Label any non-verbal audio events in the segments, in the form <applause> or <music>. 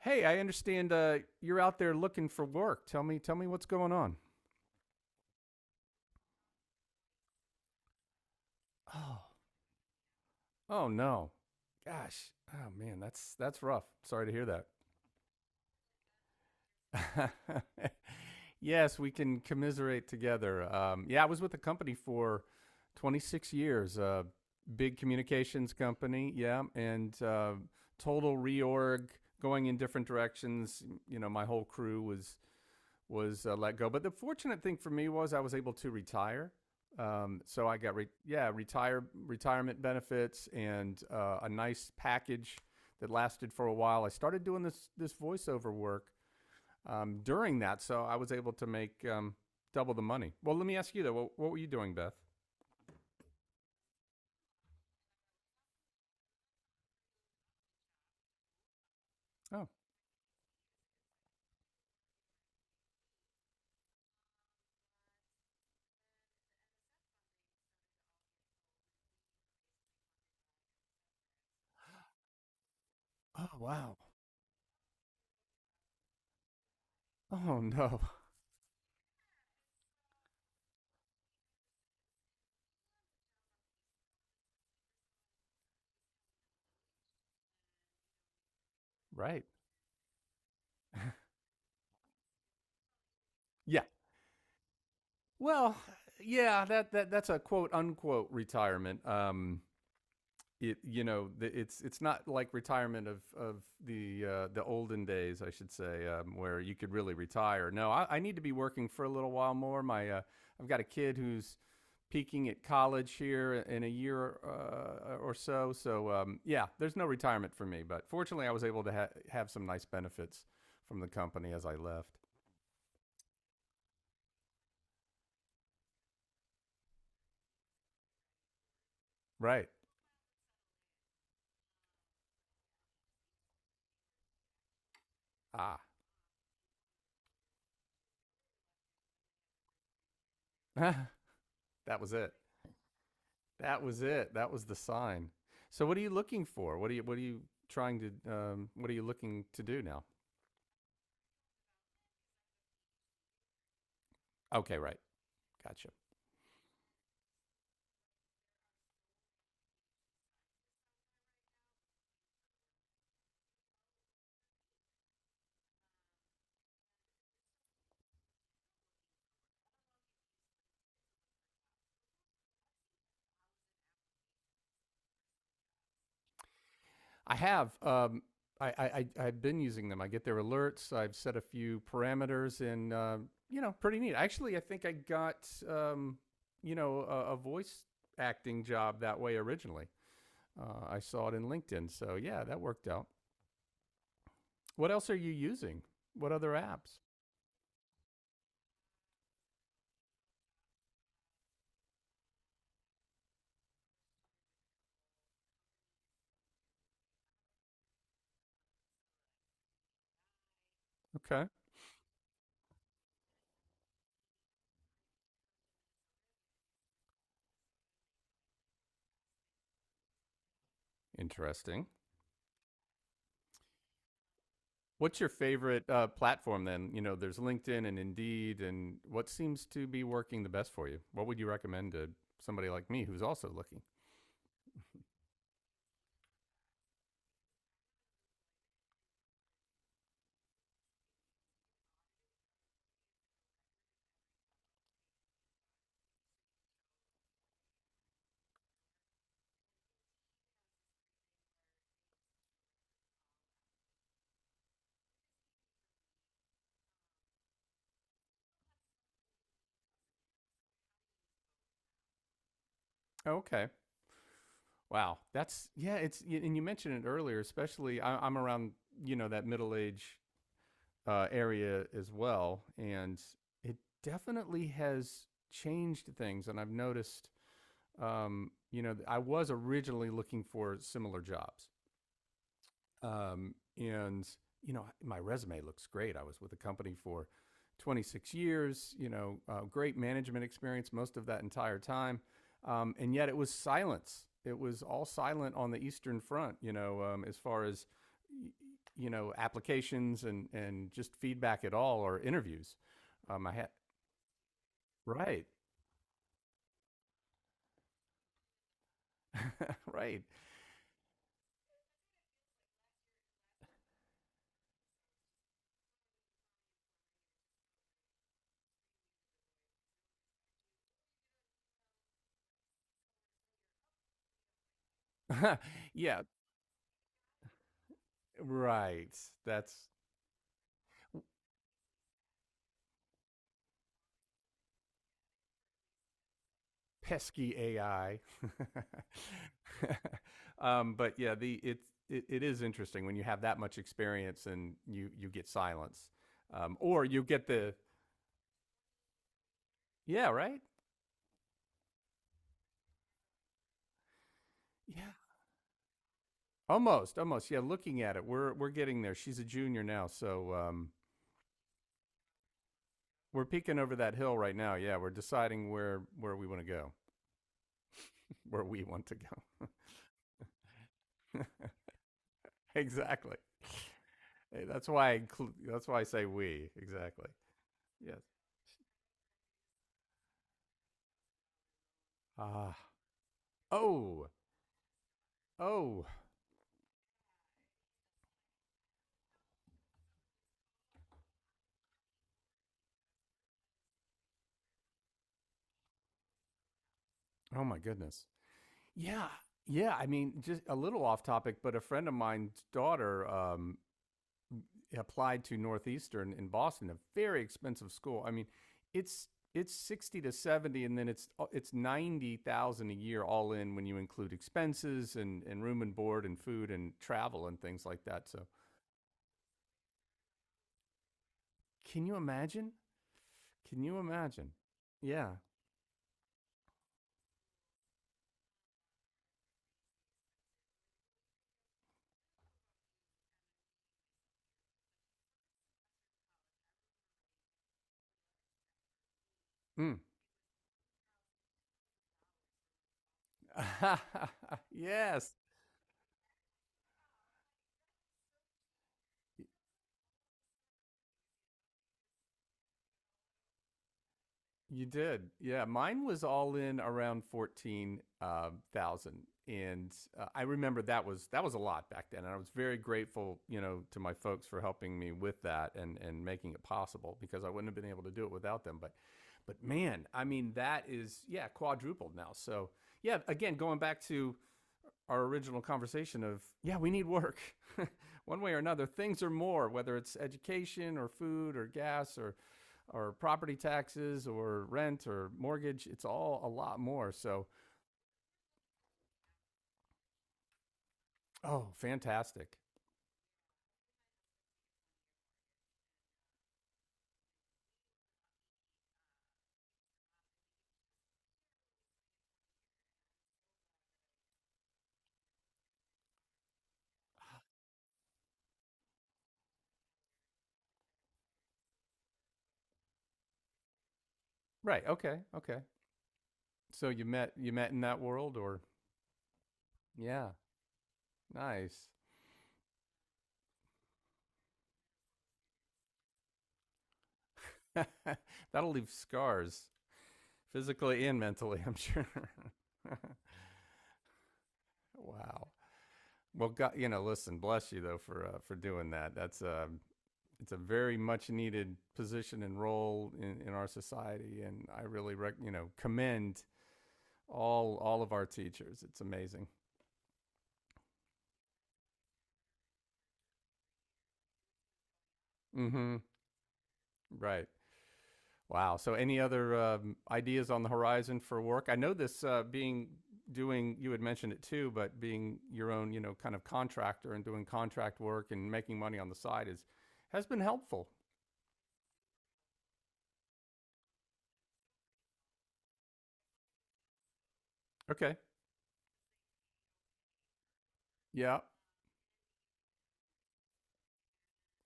Hey, I understand you're out there looking for work. Tell me what's going on. Oh, oh no, gosh, oh man, that's rough. Sorry to hear that. <laughs> Yes, we can commiserate together. Yeah, I was with the company for 26 years, a big communications company. Yeah, and total reorg, going in different directions. You know, my whole crew was let go. But the fortunate thing for me was I was able to retire. So I got retirement benefits and a nice package that lasted for a while. I started doing this voiceover work during that, so I was able to make double the money. Well, let me ask you though, what were you doing, Beth? Oh, oh wow. Oh no. <laughs> Right? Yeah. Well, yeah, that's a quote unquote retirement. It you know It's not like retirement of the olden days I should say, where you could really retire. No, I need to be working for a little while more. My I've got a kid who's peaking at college here in a year or so. So yeah, there's no retirement for me, but fortunately I was able to have some nice benefits from the company as I left. Right. Ah, <laughs> that was it. That was it. That was the sign. So what are you looking for? What are you trying to what are you looking to do now? Okay, right. Gotcha. I have have been using them. I get their alerts. I've set a few parameters, and you know, pretty neat. Actually, I think I got, you know, a voice acting job that way originally. I saw it in LinkedIn, so yeah, that worked out. What else are you using? What other apps? Okay, interesting. What's your favorite platform then? You know, there's LinkedIn and Indeed, and what seems to be working the best for you? What would you recommend to somebody like me who's also looking? Okay. Wow. That's, yeah, and you mentioned it earlier, especially I'm around, you know, that middle age area as well. And it definitely has changed things. And I've noticed, you know, I was originally looking for similar jobs. And, you know, my resume looks great. I was with the company for 26 years, you know, great management experience most of that entire time. And yet it was silence. It was all silent on the Eastern Front, you know, as far as, you know, applications and just feedback at all or interviews. Um, I had, right, right. <laughs> Yeah, right. That's, pesky AI. <laughs> But yeah, it is interesting when you have that much experience and you get silence, or you get the, yeah, right, yeah, almost yeah. Looking at it, we're getting there. She's a junior now, so we're peeking over that hill right now. Yeah, we're deciding where we want to go, where we want to go. <laughs> Exactly. Hey, that's why I say we, exactly. Yes. Ah. Oh. Oh. Oh my goodness. Yeah. Yeah, I mean, just a little off topic, but a friend of mine's daughter, applied to Northeastern in Boston, a very expensive school. I mean, it's it's 60 to 70, and then it's 90,000 a year all in when you include expenses and room and board and food and travel and things like that. So, can you imagine? Can you imagine? Yeah. Mm. <laughs> Yes. You did. Yeah, mine was all in around 14,000, and I remember that was a lot back then, and I was very grateful, you know, to my folks for helping me with that and making it possible because I wouldn't have been able to do it without them, but man, I mean that is, yeah, quadrupled now. So, yeah, again, going back to our original conversation of yeah, we need work. <laughs> One way or another, things are more, whether it's education or food or gas or property taxes or rent or mortgage, it's all a lot more. So, oh fantastic, right, okay, okay, so you met in that world, or yeah, nice. <laughs> That'll leave scars, physically and mentally, I'm sure. <laughs> Wow. Well, god, you know, listen, bless you though for doing that. That's, it's a very much needed position and role in our society. And I really, you know, commend all of our teachers. It's amazing. Mm hmm Right. Wow. So, any other ideas on the horizon for work? I know this being doing you had mentioned it too, but being your own, you know, kind of contractor and doing contract work and making money on the side is has been helpful. Okay. Yeah.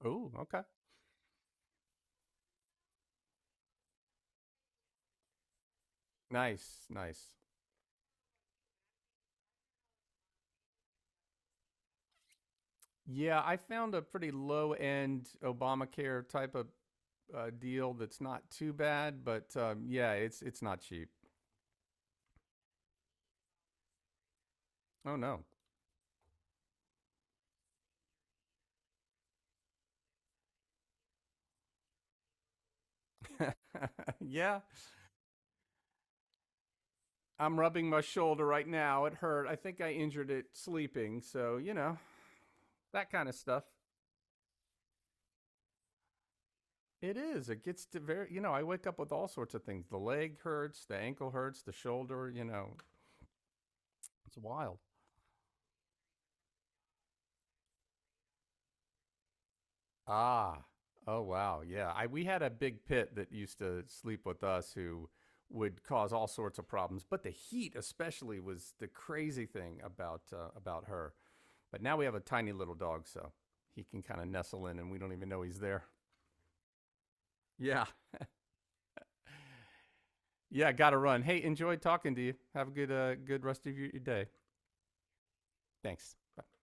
Oh. Okay. Nice. Nice. Yeah, I found a pretty low end Obamacare type of deal that's not too bad, but yeah, it's not cheap. Oh no. <laughs> Yeah, I'm rubbing my shoulder right now. It hurt. I think I injured it sleeping, so you know, that kind of stuff. It is. It gets to very. You know, I wake up with all sorts of things. The leg hurts. The ankle hurts. The shoulder. You know, it's wild. Ah, oh wow, yeah. I We had a big pit that used to sleep with us, who would cause all sorts of problems, but the heat especially was the crazy thing about her. But now we have a tiny little dog, so he can kind of nestle in, and we don't even know he's there. Yeah, yeah. Got to run. Hey, enjoyed talking to you. Have a good good rest of your day. Thanks. Bye.